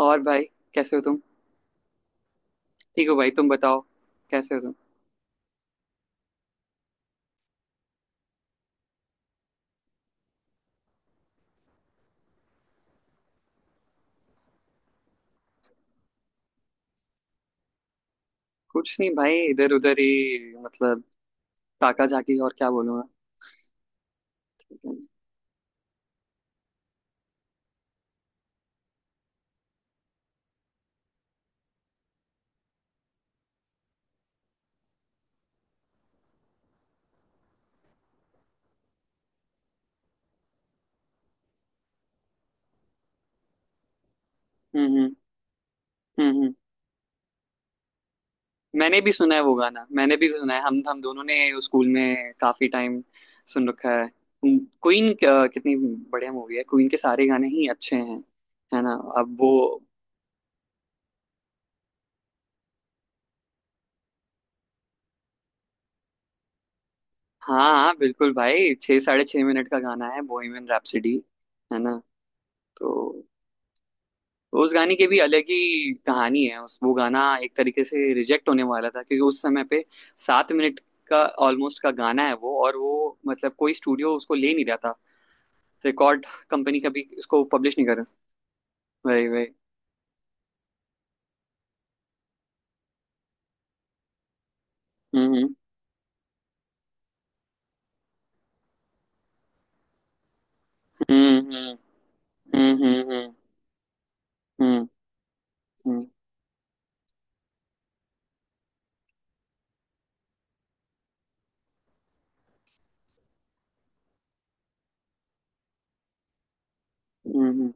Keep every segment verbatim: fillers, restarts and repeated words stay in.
और भाई, कैसे हो तुम? ठीक हो भाई? तुम बताओ, कैसे हो तुम? कुछ नहीं भाई, इधर उधर ही, मतलब ताका झाकी। और क्या बोलूं मैं? हम्म हम्म हम्म हम्म। मैंने भी सुना है वो गाना, मैंने भी सुना है। हम हम दोनों ने उस स्कूल में काफी टाइम सुन रखा है। क्वीन कितनी बढ़िया मूवी है! क्वीन के सारे गाने ही अच्छे हैं, है ना? अब वो, हाँ बिल्कुल भाई, छः साढ़े छः मिनट का गाना है बोहेमियन रैप्सोडी, है ना? तो उस गाने की भी अलग ही कहानी है। उस वो गाना एक तरीके से रिजेक्ट होने वाला था, क्योंकि उस समय पे सात मिनट का ऑलमोस्ट का गाना है वो। और वो मतलब कोई स्टूडियो उसको ले नहीं रहा था। रिकॉर्ड कंपनी कभी उसको पब्लिश नहीं कर रहा। वही वही। हम्म हम्म हम्म हम्म हम्म हम्म हम्म, हम्म। हम्म, हम्म, हम्म।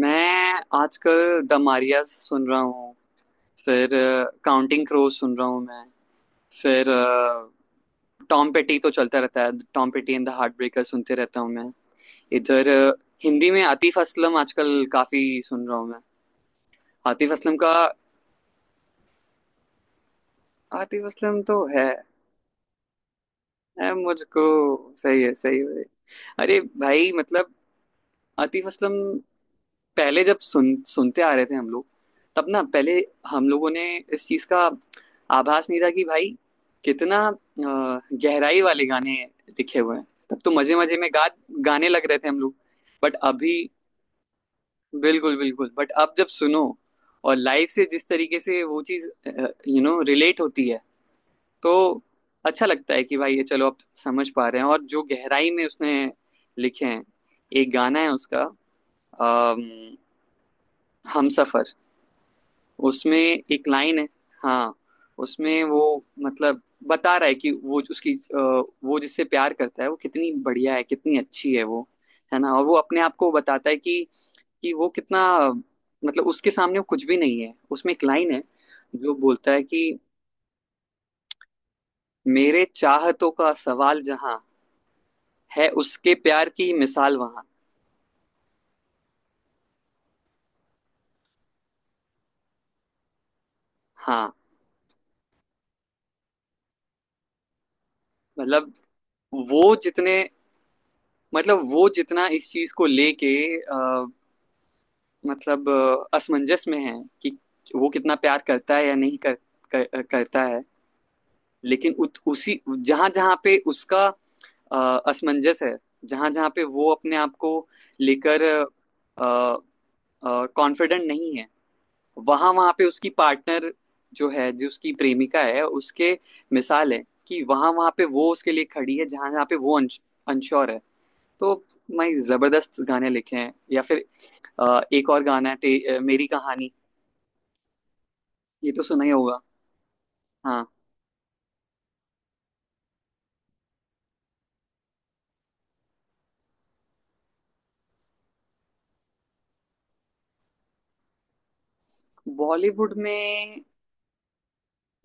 मैं आजकल द मारियास सुन रहा हूँ। फिर काउंटिंग क्रोज सुन रहा हूँ मैं। फिर टॉम पेटी तो चलता रहता है, Tom Petty and the heartbreaker सुनते रहता हूँ मैं इधर। अ, हिंदी में आतिफ असलम आजकल काफी सुन रहा हूँ मैं। आतिफ असलम का, आतिफ असलम तो है है मुझको। सही है, सही है। अरे भाई मतलब आतिफ असलम पहले जब सुन सुनते आ रहे थे हम लोग, तब ना, पहले हम लोगों ने इस चीज का आभास नहीं था कि भाई कितना अ, गहराई वाले गाने लिखे हुए हैं। तब तो मजे मजे में गा गाने लग रहे थे हम लोग। बट अभी, बिल्कुल बिल्कुल, बट आप जब सुनो और लाइफ से जिस तरीके से वो चीज, यू नो, रिलेट होती है, तो अच्छा लगता है कि भाई, ये चलो आप समझ पा रहे हैं और जो गहराई में उसने लिखे हैं। एक गाना है उसका, अम, हम सफर, उसमें एक लाइन है। हाँ उसमें वो मतलब बता रहा है कि वो जो उसकी अ, वो जिससे प्यार करता है वो कितनी बढ़िया है, कितनी अच्छी है वो, है ना? और वो अपने आप को बताता है कि कि वो कितना, मतलब उसके सामने वो कुछ भी नहीं है। उसमें एक लाइन है जो बोलता है कि मेरे चाहतों का सवाल जहां, है उसके प्यार की मिसाल वहां। हाँ मतलब वो जितने, मतलब वो जितना इस चीज को लेके अ, मतलब अ, असमंजस में है कि वो कितना प्यार करता है या नहीं कर, कर, करता है। लेकिन उत, उसी, जहां जहां पे उसका अ, असमंजस है, जहां जहां पे वो अपने आप को लेकर अ, कॉन्फिडेंट नहीं है, वहां वहां पे उसकी पार्टनर जो है, जो उसकी प्रेमिका है, उसके मिसाल है कि वहां वहां पे वो उसके लिए खड़ी है, जहां जहां पे वो अनश्योर है। तो मैं, जबरदस्त गाने लिखे हैं। या फिर अ, एक और गाना है ते, अ, मेरी कहानी, ये तो सुना ही होगा। हाँ बॉलीवुड में,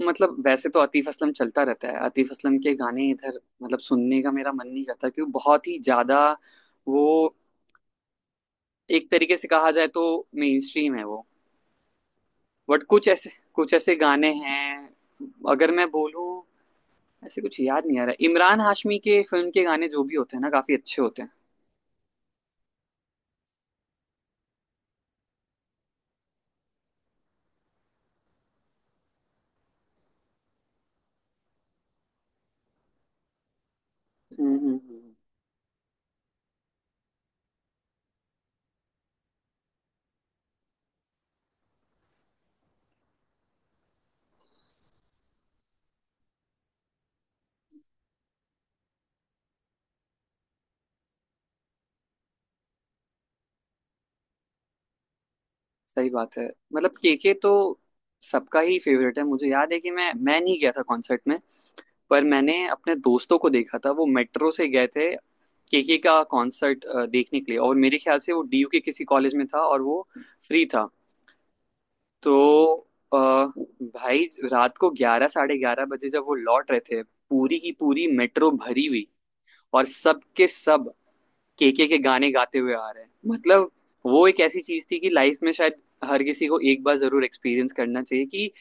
मतलब वैसे तो आतिफ असलम चलता रहता है। आतिफ असलम के गाने इधर मतलब सुनने का मेरा मन नहीं करता, क्योंकि बहुत ही ज्यादा वो, एक तरीके से कहा जाए तो मेन स्ट्रीम है वो। बट कुछ ऐसे, कुछ ऐसे गाने हैं, अगर मैं बोलूं, ऐसे कुछ याद नहीं आ रहा, इमरान हाशमी के फिल्म के गाने जो भी होते हैं ना काफी अच्छे होते हैं। हम्म हम्म, हम्म। सही बात है। मतलब केके तो सबका ही फेवरेट है। मुझे याद है कि मैं मैं नहीं गया था कॉन्सर्ट में, पर मैंने अपने दोस्तों को देखा था। वो मेट्रो से गए थे केके का कॉन्सर्ट देखने के लिए, और मेरे ख्याल से वो डीयू के किसी कॉलेज में था और वो फ्री था। तो अ, भाई, रात को ग्यारह साढ़े ग्यारह बजे जब वो लौट रहे थे, पूरी की पूरी मेट्रो भरी हुई, और सब के सब केके के गाने गाते हुए आ रहे हैं। मतलब वो एक ऐसी चीज थी कि लाइफ में शायद हर किसी को एक बार जरूर एक्सपीरियंस करना चाहिए कि,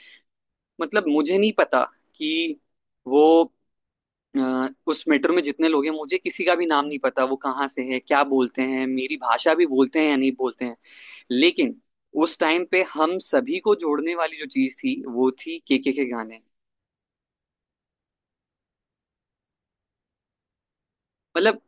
मतलब मुझे नहीं पता कि वो, अ, उस मेट्रो में जितने लोग हैं, मुझे किसी का भी नाम नहीं पता, वो कहाँ से है, क्या बोलते हैं, मेरी भाषा भी बोलते हैं या नहीं बोलते हैं। लेकिन उस टाइम पे हम सभी को जोड़ने वाली जो चीज थी, वो थी केके के गाने। मतलब,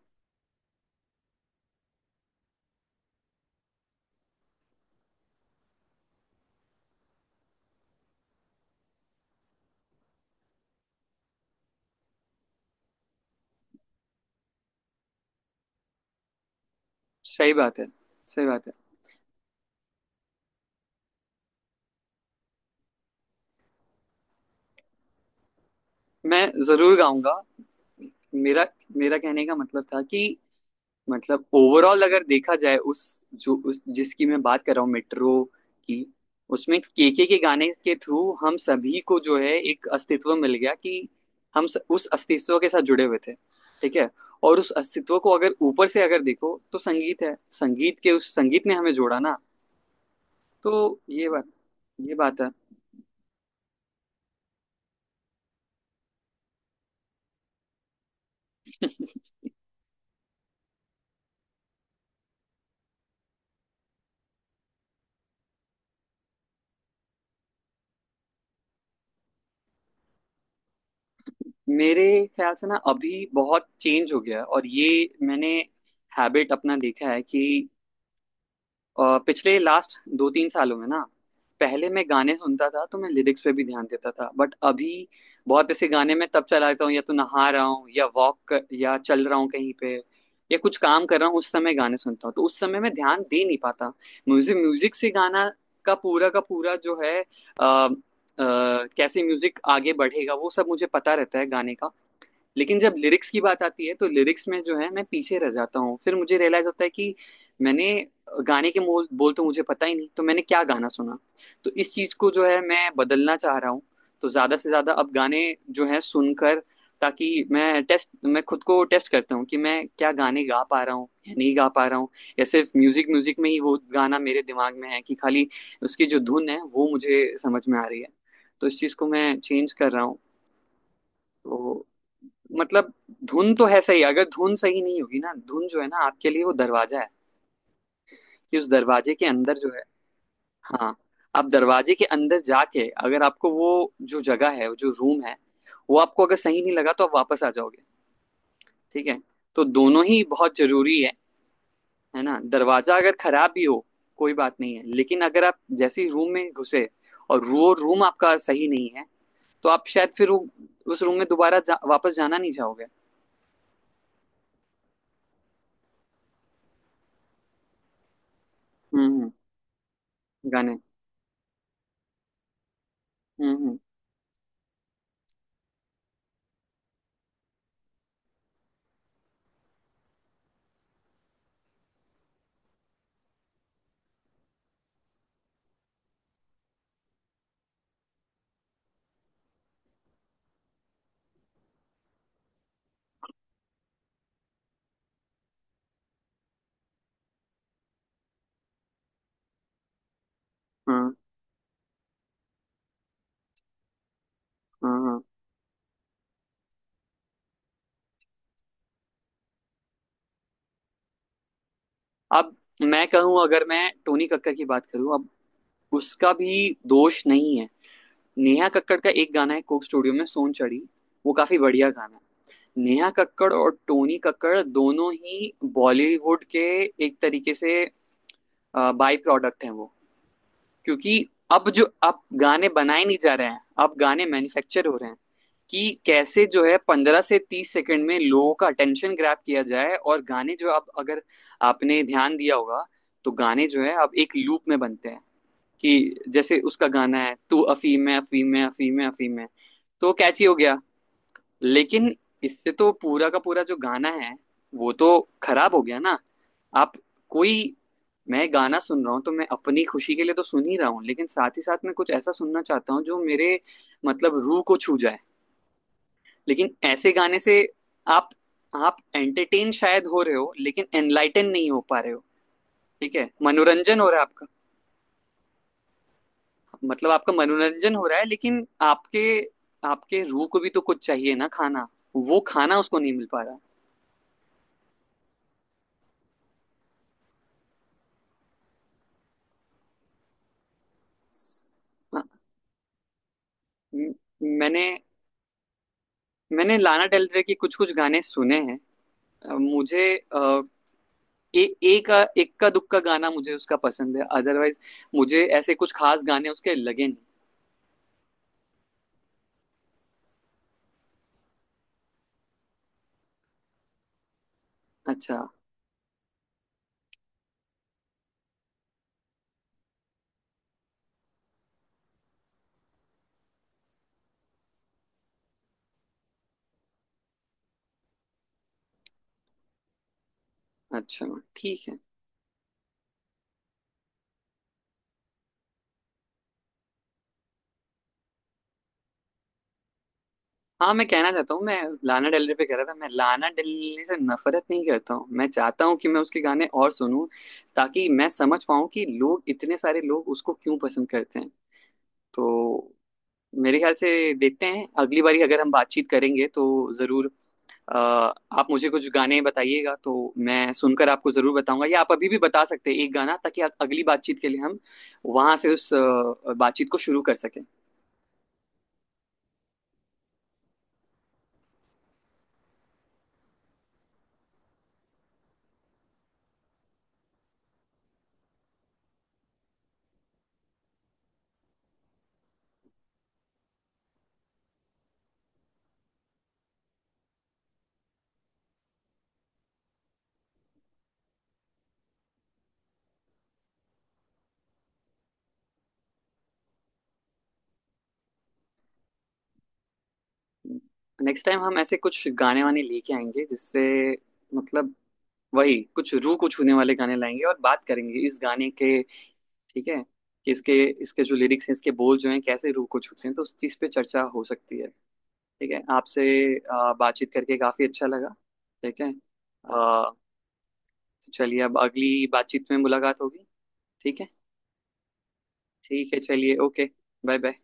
सही बात है, सही बात है। मैं जरूर गाऊंगा। मेरा मेरा कहने का मतलब था कि मतलब ओवरऑल अगर देखा जाए, उस, जो, उस जिसकी मैं बात कर रहा हूँ मेट्रो की, उसमें केके के गाने के थ्रू हम सभी को जो है एक अस्तित्व मिल गया कि हम स, उस अस्तित्व के साथ जुड़े हुए थे, ठीक है? और उस अस्तित्व को अगर ऊपर से अगर देखो तो संगीत है। संगीत के, उस संगीत ने हमें जोड़ा ना। तो ये बात, ये बात है। मेरे ख्याल से ना अभी बहुत चेंज हो गया है और ये मैंने हैबिट अपना देखा है कि, और पिछले लास्ट दो तीन सालों में ना, पहले मैं गाने सुनता था तो मैं लिरिक्स पे भी ध्यान देता था। बट अभी बहुत ऐसे गाने मैं तब चलाता हूँ या तो नहा रहा हूँ या वॉक या चल रहा हूँ कहीं पे, या कुछ काम कर रहा हूँ, उस समय गाने सुनता हूँ, तो उस समय मैं ध्यान दे नहीं पाता। म्यूजिक म्यूजिक से गाना का पूरा का पूरा जो है अ, अ, कैसे म्यूजिक आगे बढ़ेगा वो सब मुझे पता रहता है गाने का। लेकिन जब लिरिक्स की बात आती है तो लिरिक्स में जो है मैं पीछे रह जाता हूँ। फिर मुझे रियलाइज होता है कि मैंने गाने के मोल बोल तो मुझे पता ही नहीं, तो मैंने क्या गाना सुना? तो इस चीज को जो है मैं बदलना चाह रहा हूँ। तो ज्यादा से ज्यादा अब गाने जो है सुनकर, ताकि मैं टेस्ट, मैं खुद को टेस्ट करता हूँ कि मैं क्या गाने गा पा रहा हूँ या नहीं गा पा रहा हूँ, या सिर्फ म्यूजिक म्यूजिक में ही वो गाना मेरे दिमाग में है कि खाली उसकी जो धुन है वो मुझे समझ में आ रही है। तो इस चीज को मैं चेंज कर रहा हूँ। तो मतलब धुन तो है सही। अगर धुन सही नहीं होगी ना, धुन जो है ना आपके लिए वो दरवाजा है कि उस दरवाजे के अंदर जो है, हाँ, आप दरवाजे के अंदर जाके अगर आपको वो जो जगह है, जो रूम है, वो आपको अगर सही नहीं लगा तो आप वापस आ जाओगे, ठीक है? तो दोनों ही बहुत जरूरी है। है ना? दरवाजा अगर खराब भी हो, कोई बात नहीं है, लेकिन अगर आप जैसे ही रूम में घुसे और वो रूम आपका सही नहीं है, तो आप शायद फिर उ, उस रूम में दोबारा जा, वापस जाना नहीं चाहोगे। हम्म हम्म, गाने, हम्म हम्म, हाँ हाँ हाँ। अब मैं कहूं, अगर मैं टोनी कक्कड़ की बात करूं, अब उसका भी दोष नहीं है। नेहा कक्कड़ का एक गाना है कोक स्टूडियो में, सोन चढ़ी, वो काफी बढ़िया गाना है। नेहा कक्कड़ और टोनी कक्कड़ दोनों ही बॉलीवुड के एक तरीके से बाई प्रोडक्ट हैं वो, क्योंकि अब जो, अब गाने बनाए नहीं जा रहे हैं, अब गाने मैन्युफैक्चर हो रहे हैं कि कैसे जो है पंद्रह से तीस सेकंड में लोगों का अटेंशन ग्रैब किया जाए। और गाने जो अब, अगर आपने ध्यान दिया होगा, तो गाने जो है अब एक लूप में बनते हैं। कि जैसे उसका गाना है, तू अफीम है अफीम है अफीम है अफीम है। तो कैची हो गया, लेकिन इससे तो पूरा का पूरा जो गाना है वो तो खराब हो गया ना। आप कोई, मैं गाना सुन रहा हूँ तो मैं अपनी खुशी के लिए तो सुन ही रहा हूँ, लेकिन साथ ही साथ मैं कुछ ऐसा सुनना चाहता हूँ जो मेरे, मतलब, रूह को छू जाए। लेकिन ऐसे गाने से आप आप एंटरटेन शायद हो रहे हो लेकिन एनलाइटन नहीं हो पा रहे हो। ठीक है, मनोरंजन हो रहा है आपका, मतलब आपका मनोरंजन हो रहा है, लेकिन आपके, आपके रूह को भी तो कुछ चाहिए ना, खाना। वो खाना उसको नहीं मिल पा रहा। म- मैंने, मैंने लाना डेल रे की कुछ कुछ गाने सुने हैं। अ, मुझे अ, ए, एक इक्का दुक्का गाना मुझे उसका पसंद है। अदरवाइज मुझे ऐसे कुछ खास गाने उसके लगे नहीं। अच्छा, अच्छा, ठीक है। हाँ मैं कहना चाहता हूँ, मैं लाना डेल रे पे कह रहा था, मैं लाना डेल रे से नफरत नहीं करता हूँ। मैं चाहता हूँ कि मैं उसके गाने और सुनूं, ताकि मैं समझ पाऊँ कि लोग, इतने सारे लोग, उसको क्यों पसंद करते हैं। तो मेरे ख्याल से देखते हैं अगली बारी अगर हम बातचीत करेंगे तो, जरूर, अ, आप मुझे कुछ गाने बताइएगा, तो मैं सुनकर आपको जरूर बताऊंगा। या आप अभी भी बता सकते हैं एक गाना, ताकि अ- अगली बातचीत के लिए हम वहां से उस अ, बातचीत को शुरू कर सकें। नेक्स्ट टाइम हम ऐसे कुछ गाने वाने लेके आएंगे जिससे, मतलब, वही कुछ रूह को छूने वाले गाने लाएंगे और बात करेंगे इस गाने के, ठीक है, कि इसके, इसके जो लिरिक्स हैं, इसके बोल जो हैं, कैसे रूह को छूते हैं, तो उस चीज़ पे चर्चा हो सकती है। ठीक है, आपसे अ, बातचीत करके काफ़ी अच्छा लगा। ठीक है, अ, तो चलिए अब अगली बातचीत में मुलाकात होगी। ठीक है, ठीक है, चलिए ओके। Bye bye.